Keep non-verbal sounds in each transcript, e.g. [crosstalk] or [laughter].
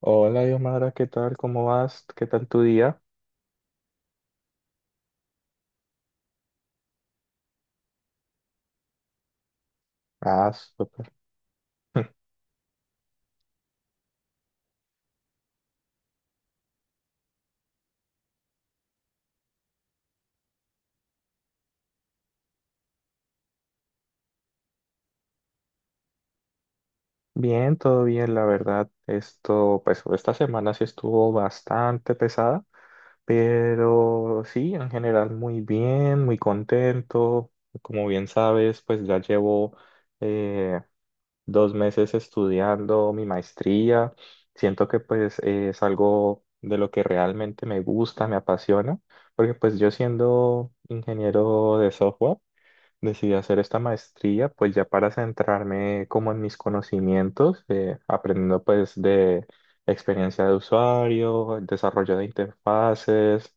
Hola, Diosmara, ¿qué tal? ¿Cómo vas? ¿Qué tal tu día? Ah, súper. [laughs] Bien, todo bien, la verdad. Esto, pues, esta semana sí estuvo bastante pesada, pero sí, en general muy bien, muy contento. Como bien sabes, pues ya llevo eh, 2 meses estudiando mi maestría. Siento que pues es algo de lo que realmente me gusta, me apasiona, porque pues yo, siendo ingeniero de software, decidí hacer esta maestría pues ya para centrarme como en mis conocimientos, aprendiendo pues de experiencia de usuario, el desarrollo de interfaces.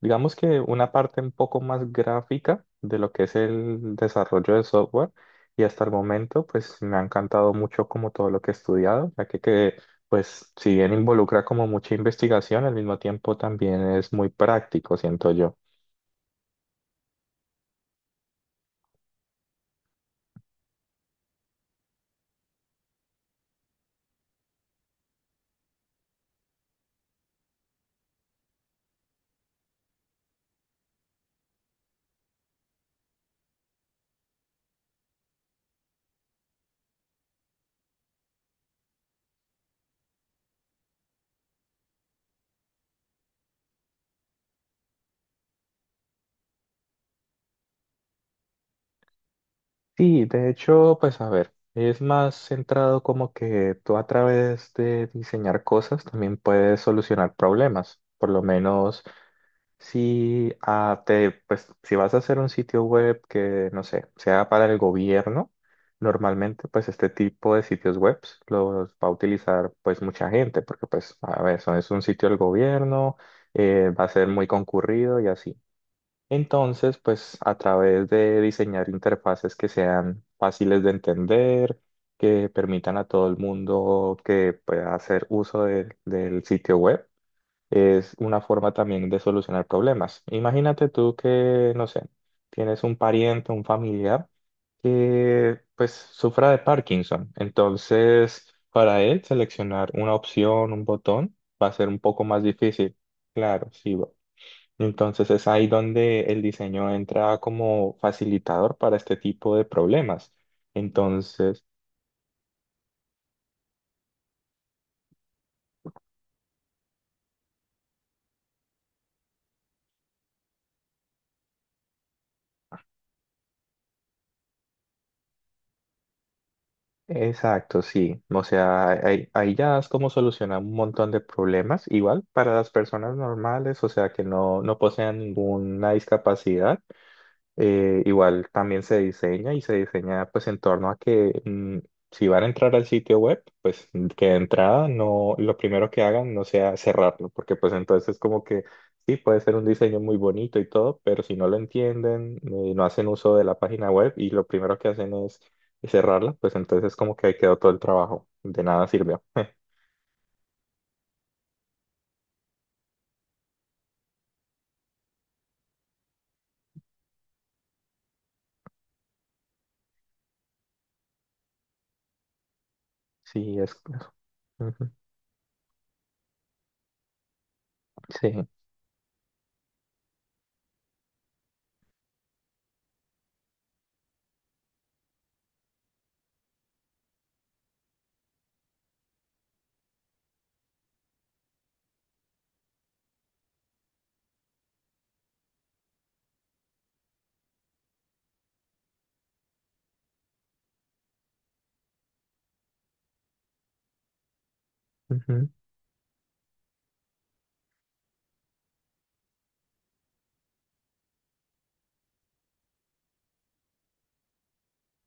Digamos que una parte un poco más gráfica de lo que es el desarrollo de software, y hasta el momento pues me ha encantado mucho como todo lo que he estudiado, ya que pues si bien involucra como mucha investigación, al mismo tiempo también es muy práctico, siento yo. Sí, de hecho, pues a ver, es más centrado como que tú a través de diseñar cosas también puedes solucionar problemas. Por lo menos si si vas a hacer un sitio web que, no sé, sea para el gobierno, normalmente pues este tipo de sitios web los va a utilizar pues mucha gente, porque pues a ver, es un sitio del gobierno, va a ser muy concurrido y así. Entonces, pues a través de diseñar interfaces que sean fáciles de entender, que permitan a todo el mundo que pueda hacer uso del sitio web, es una forma también de solucionar problemas. Imagínate tú que, no sé, tienes un pariente, un familiar que pues sufra de Parkinson. Entonces, para él seleccionar una opción, un botón, va a ser un poco más difícil. Claro, sí, entonces es ahí donde el diseño entra como facilitador para este tipo de problemas. Entonces, exacto, sí. O sea, ahí ya es como solucionar un montón de problemas, igual para las personas normales, o sea, que no, no posean ninguna discapacidad. Igual también se diseña y se diseña pues en torno a que, si van a entrar al sitio web, pues, que de entrada no, lo primero que hagan no sea cerrarlo, porque pues entonces como que sí puede ser un diseño muy bonito y todo, pero si no lo entienden, no hacen uso de la página web y lo primero que hacen es cerrarla, pues entonces como que ahí quedó todo el trabajo, de nada sirvió. [laughs] Sí, es. Ujú. Sí. Ujú.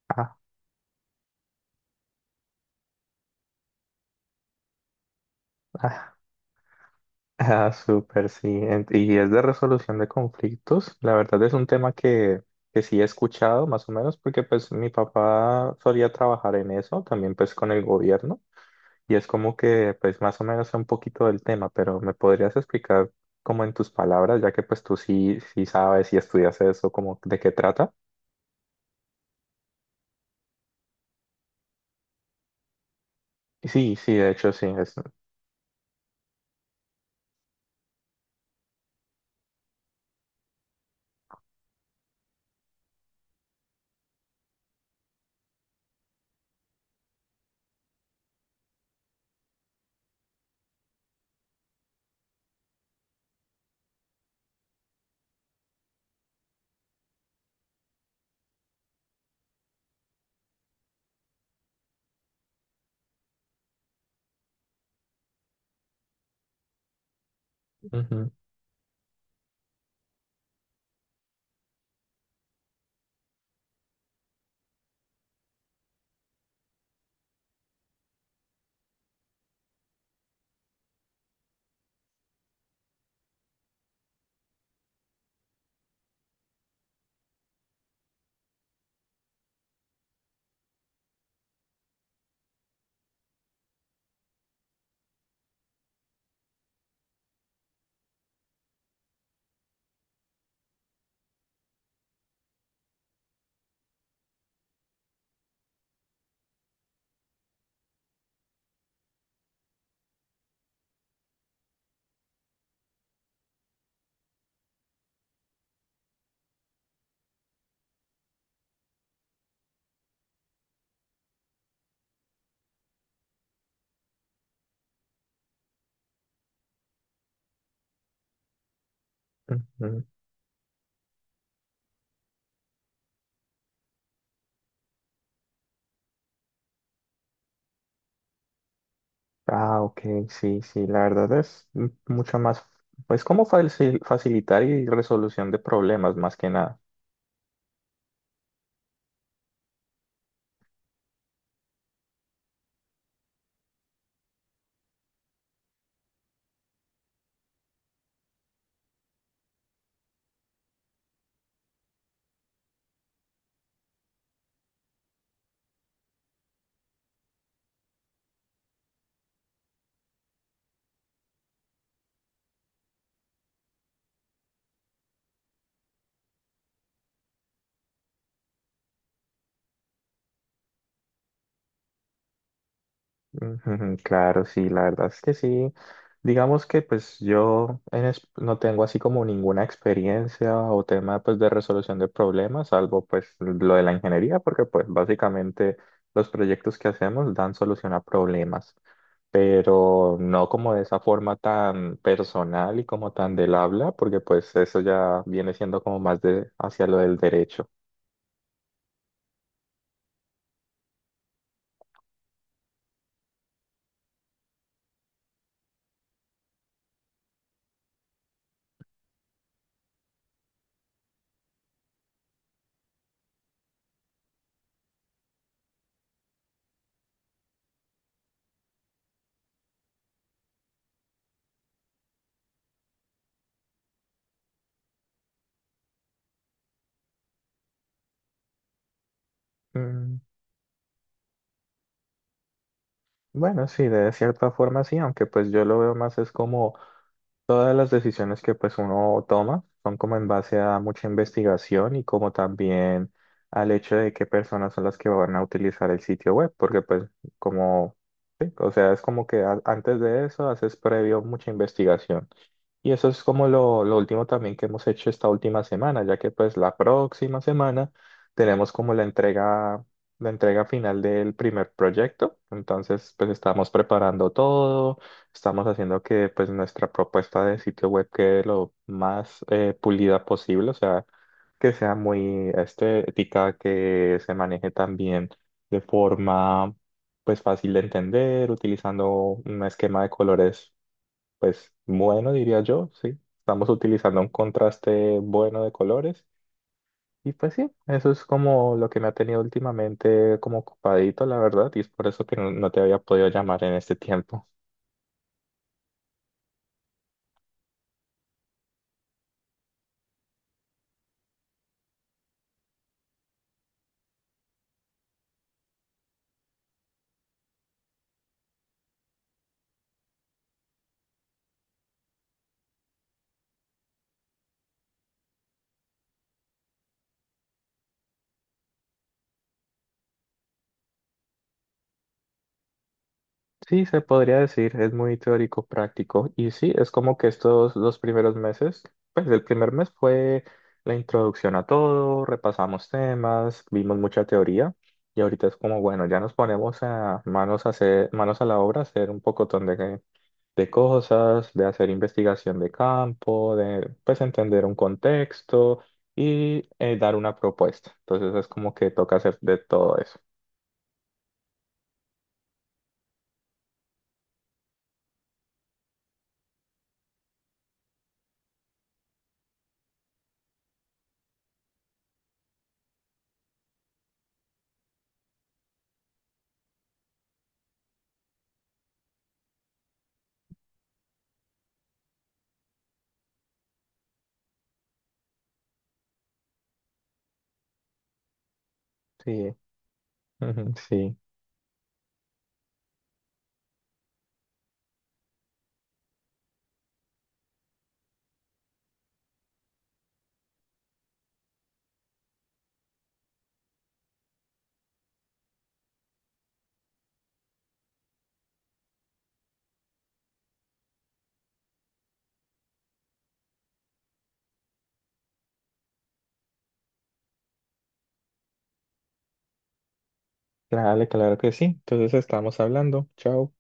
Ah, ah. Ah, súper, sí. Y es de resolución de conflictos. La verdad es un tema que sí he escuchado más o menos porque pues mi papá solía trabajar en eso, también pues con el gobierno. Y es como que pues más o menos sé un poquito del tema, pero ¿me podrías explicar como en tus palabras, ya que pues tú sí sabes y estudias eso, como de qué trata? Sí, sí, de hecho sí. Es... Ujú, ujú. Ah, ok, sí, sí, la verdad es mucho más, pues como facilitar y resolución de problemas más que nada. Ujú. Claro, sí, la verdad es que sí. Digamos que pues yo no tengo así como ninguna experiencia o tema pues de resolución de problemas, salvo pues lo de la ingeniería, porque pues básicamente los proyectos que hacemos dan solución a problemas, pero no como de esa forma tan personal y como tan del habla, porque pues eso ya viene siendo como más de hacia lo del derecho. Mm, Bueno, sí, de cierta forma sí, aunque pues yo lo veo más es como todas las decisiones que pues uno toma son como en base a mucha investigación y como también al hecho de qué personas son las que van a utilizar el sitio web, porque pues como, sí, o sea, es como que antes de eso haces previo mucha investigación. Y eso es como lo último también que hemos hecho esta última semana, ya que pues la próxima semana tenemos como la entrega final del primer proyecto. Entonces pues estamos preparando todo, estamos haciendo que pues nuestra propuesta de sitio web quede lo más pulida posible, o sea, que sea muy estética, que se maneje también de forma pues fácil de entender, utilizando un esquema de colores pues bueno, diría yo, sí. Estamos utilizando un contraste bueno de colores. Y pues sí, eso es como lo que me ha tenido últimamente como ocupadito, la verdad, y es por eso que no, no te había podido llamar en este tiempo. Sí, se podría decir, es muy teórico práctico. Y sí, es como que estos 2 primeros meses, pues el primer mes fue la introducción a todo, repasamos temas, vimos mucha teoría. Y ahorita es como, bueno, ya nos ponemos a manos a hacer, manos a la obra, a hacer un pocotón de cosas, de hacer investigación de campo, de pues entender un contexto y, dar una propuesta. Entonces es como que toca hacer de todo eso. Sí, ujú, sí. Claro, claro que sí. Entonces estamos hablando. Chao.